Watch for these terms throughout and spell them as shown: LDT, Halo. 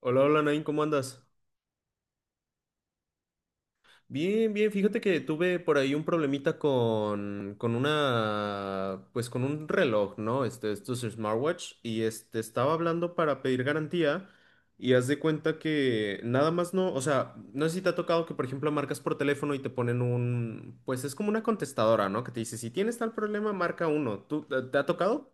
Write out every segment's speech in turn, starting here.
Hola, hola, Nain, ¿cómo andas? Bien, bien, fíjate que tuve por ahí un problemita con una, pues con un reloj, ¿no? Este, esto es smartwatch y este, estaba hablando para pedir garantía y haz de cuenta que nada más no, o sea, no sé si te ha tocado que, por ejemplo, marcas por teléfono y te ponen un, pues es como una contestadora, ¿no? Que te dice, si tienes tal problema, marca uno. ¿Tú, te ha tocado?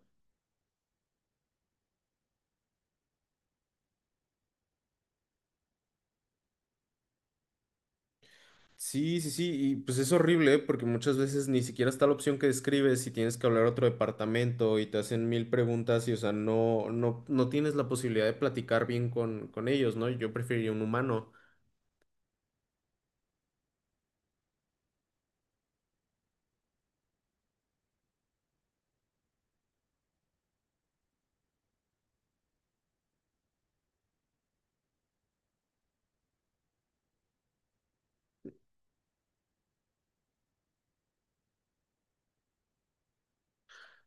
Sí, sí, sí, y pues es horrible, ¿eh? Porque muchas veces ni siquiera está la opción que describes y tienes que hablar a otro departamento y te hacen mil preguntas y, o sea, no tienes la posibilidad de platicar bien con ellos, ¿no? Yo preferiría un humano.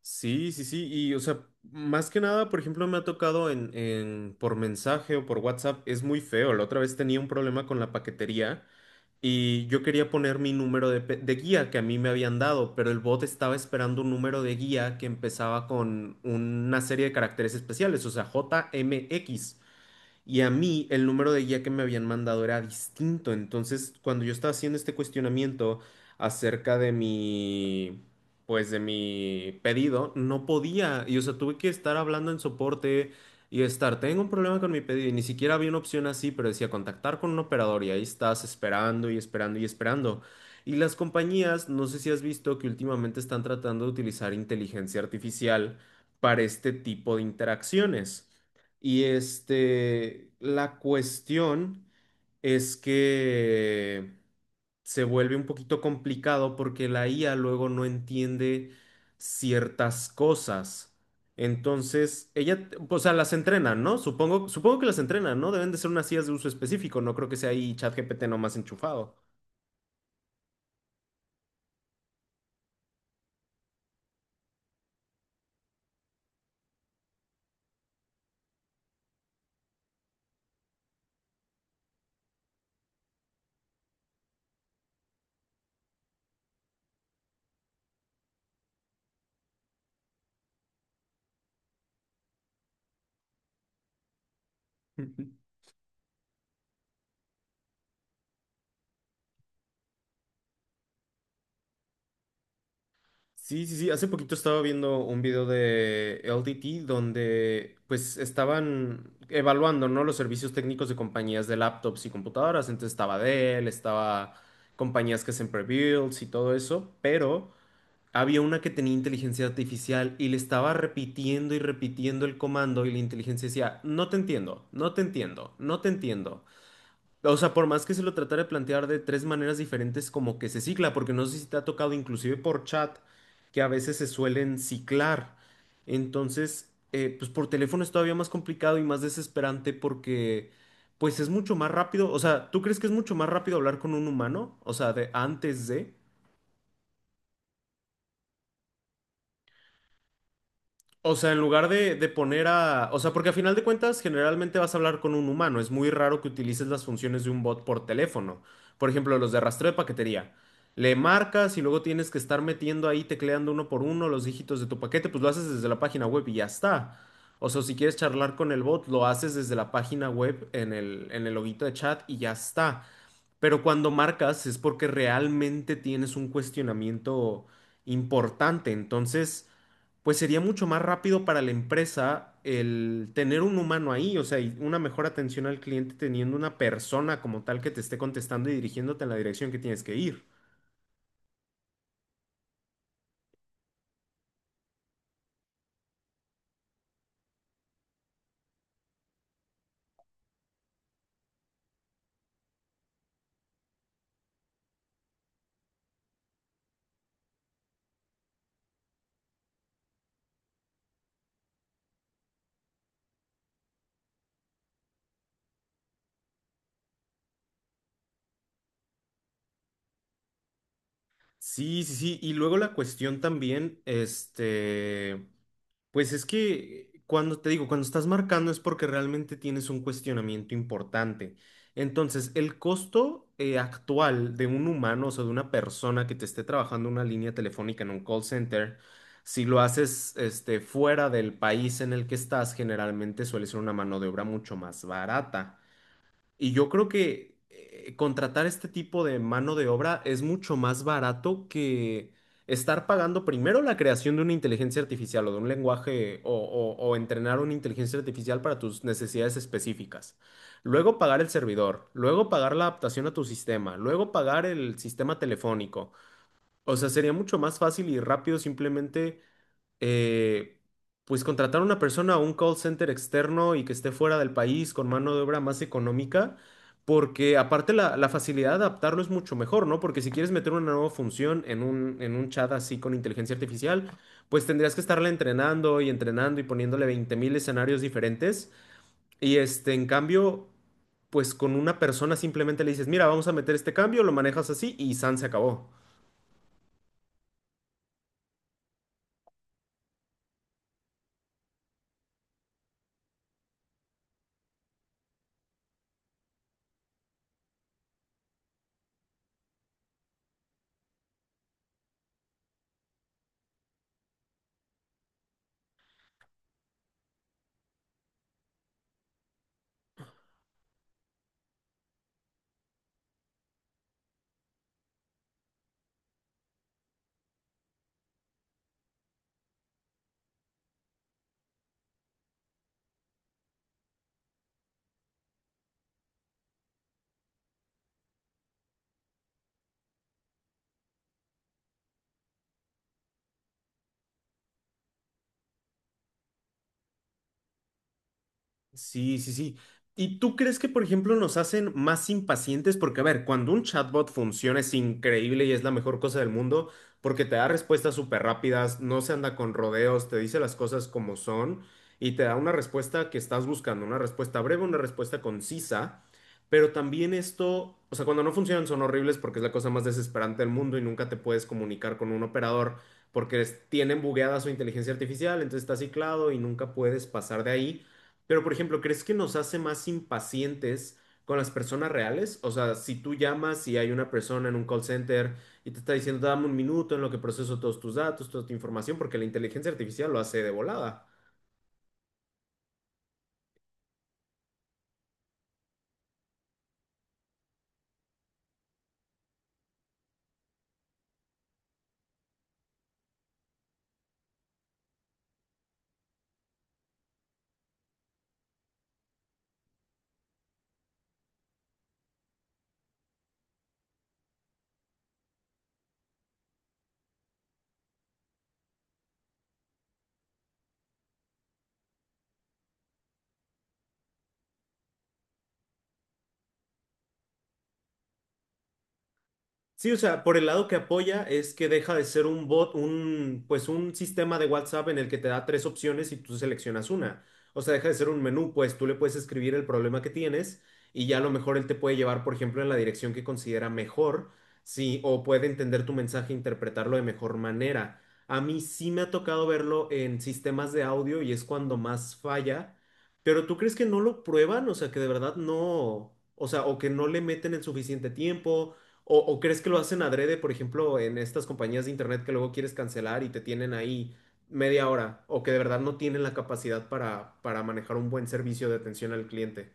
Sí, sí, sí, y, o sea, más que nada, por ejemplo, me ha tocado por mensaje o por WhatsApp, es muy feo. La otra vez tenía un problema con la paquetería. Y yo quería poner mi número de, de guía que a mí me habían dado, pero el bot estaba esperando un número de guía que empezaba con una serie de caracteres especiales, o sea, JMX, y a mí el número de guía que me habían mandado era distinto. Entonces, cuando yo estaba haciendo este cuestionamiento acerca de mi, pues de mi pedido, no podía. Y o sea, tuve que estar hablando en soporte y estar, tengo un problema con mi pedido. Y ni siquiera había una opción así, pero decía contactar con un operador. Y ahí estás esperando y esperando y esperando. Y las compañías, no sé si has visto que últimamente están tratando de utilizar inteligencia artificial para este tipo de interacciones. Y este, la cuestión es que se vuelve un poquito complicado porque la IA luego no entiende ciertas cosas. Entonces, ella, o sea, las entrenan, ¿no? Supongo que las entrenan, ¿no? Deben de ser unas IAs de uso específico, no creo que sea ahí ChatGPT nomás enchufado. Sí, sí, sí. Hace poquito estaba viendo un video de LDT donde pues estaban evaluando, ¿no? Los servicios técnicos de compañías de laptops y computadoras. Entonces estaba Dell, estaba compañías que hacen pre-builds y todo eso, pero había una que tenía inteligencia artificial y le estaba repitiendo y repitiendo el comando y la inteligencia decía, no te entiendo, no te entiendo, no te entiendo. O sea, por más que se lo tratara de plantear de tres maneras diferentes, como que se cicla, porque no sé si te ha tocado inclusive por chat, que a veces se suelen ciclar. Entonces, pues por teléfono es todavía más complicado y más desesperante porque, pues es mucho más rápido. O sea, ¿tú crees que es mucho más rápido hablar con un humano? O sea, de antes de… O sea, en lugar de poner a… O sea, porque a final de cuentas generalmente vas a hablar con un humano. Es muy raro que utilices las funciones de un bot por teléfono. Por ejemplo, los de rastreo de paquetería. Le marcas y luego tienes que estar metiendo ahí, tecleando uno por uno los dígitos de tu paquete. Pues lo haces desde la página web y ya está. O sea, si quieres charlar con el bot, lo haces desde la página web en el loguito de chat y ya está. Pero cuando marcas es porque realmente tienes un cuestionamiento importante. Entonces, pues sería mucho más rápido para la empresa el tener un humano ahí, o sea, y una mejor atención al cliente teniendo una persona como tal que te esté contestando y dirigiéndote en la dirección que tienes que ir. Sí, sí, sí. Y luego la cuestión también, este, pues es que cuando te digo, cuando estás marcando es porque realmente tienes un cuestionamiento importante. Entonces, el costo actual de un humano, o sea, de una persona que te esté trabajando una línea telefónica en un call center, si lo haces, este, fuera del país en el que estás, generalmente suele ser una mano de obra mucho más barata. Y yo creo que contratar este tipo de mano de obra es mucho más barato que estar pagando primero la creación de una inteligencia artificial o de un lenguaje o entrenar una inteligencia artificial para tus necesidades específicas. Luego pagar el servidor, luego pagar la adaptación a tu sistema, luego pagar el sistema telefónico. O sea, sería mucho más fácil y rápido simplemente eh, pues contratar a una persona a un call center externo y que esté fuera del país con mano de obra más económica, porque aparte la facilidad de adaptarlo es mucho mejor, ¿no? Porque si quieres meter una nueva función en un chat así con inteligencia artificial, pues tendrías que estarla entrenando y entrenando y poniéndole 20 mil escenarios diferentes. Y este, en cambio, pues con una persona simplemente le dices, mira, vamos a meter este cambio, lo manejas así y San se acabó. Sí, sí, sí. ¿Y tú crees que, por ejemplo, nos hacen más impacientes? Porque, a ver, cuando un chatbot funciona es increíble y es la mejor cosa del mundo porque te da respuestas súper rápidas, no se anda con rodeos, te dice las cosas como son y te da una respuesta que estás buscando, una respuesta breve, una respuesta concisa. Pero también esto, o sea, cuando no funcionan son horribles porque es la cosa más desesperante del mundo y nunca te puedes comunicar con un operador porque tienen bugueada su inteligencia artificial, entonces estás ciclado y nunca puedes pasar de ahí. Pero, por ejemplo, ¿crees que nos hace más impacientes con las personas reales? O sea, si tú llamas y hay una persona en un call center y te está diciendo, dame un minuto en lo que proceso todos tus datos, toda tu información, porque la inteligencia artificial lo hace de volada. Sí, o sea, por el lado que apoya es que deja de ser un bot, un, pues un sistema de WhatsApp en el que te da tres opciones y tú seleccionas una. O sea, deja de ser un menú, pues tú le puedes escribir el problema que tienes y ya a lo mejor él te puede llevar, por ejemplo, en la dirección que considera mejor, sí, o puede entender tu mensaje e interpretarlo de mejor manera. A mí sí me ha tocado verlo en sistemas de audio y es cuando más falla, pero ¿tú crees que no lo prueban? O sea, que de verdad no, o sea, o que no le meten el suficiente tiempo. O crees que lo hacen adrede, por ejemplo, en estas compañías de internet que luego quieres cancelar y te tienen ahí media hora, o que de verdad no tienen la capacidad para manejar un buen servicio de atención al cliente?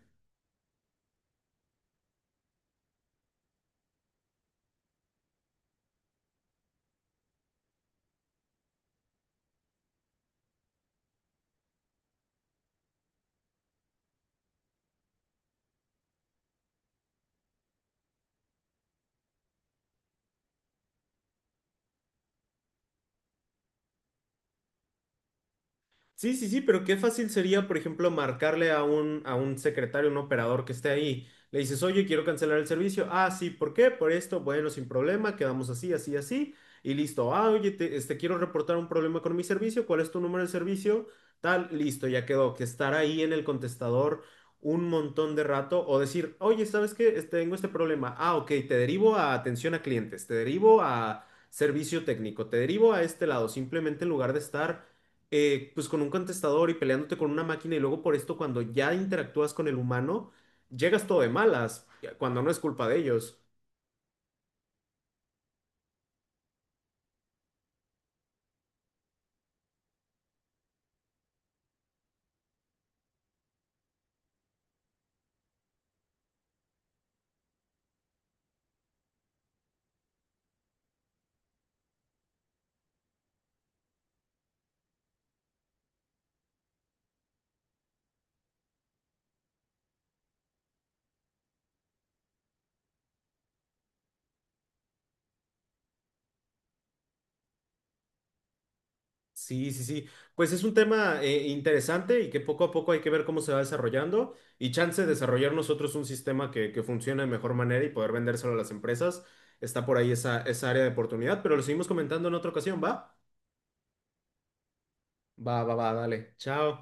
Sí, sí, sí, pero qué fácil sería, por ejemplo, marcarle a un secretario, un operador que esté ahí. Le dices, oye, quiero cancelar el servicio. Ah, sí, ¿por qué? Por esto. Bueno, sin problema, quedamos así, así, así. Y listo. Ah, oye, este, quiero reportar un problema con mi servicio. ¿Cuál es tu número de servicio? Tal, listo, ya quedó. Que estar ahí en el contestador un montón de rato o decir, oye, ¿sabes qué? Este, tengo este problema. Ah, ok, te derivo a atención a clientes, te derivo a servicio técnico, te derivo a este lado. Simplemente en lugar de estar pues con un contestador y peleándote con una máquina y luego por esto cuando ya interactúas con el humano, llegas todo de malas, cuando no es culpa de ellos. Sí, sí, sí. Pues es un tema interesante y que poco a poco hay que ver cómo se va desarrollando y chance de desarrollar nosotros un sistema que funcione de mejor manera y poder vendérselo a las empresas. Está por ahí esa área de oportunidad, pero lo seguimos comentando en otra ocasión, ¿va? Va, va, va, dale. Chao.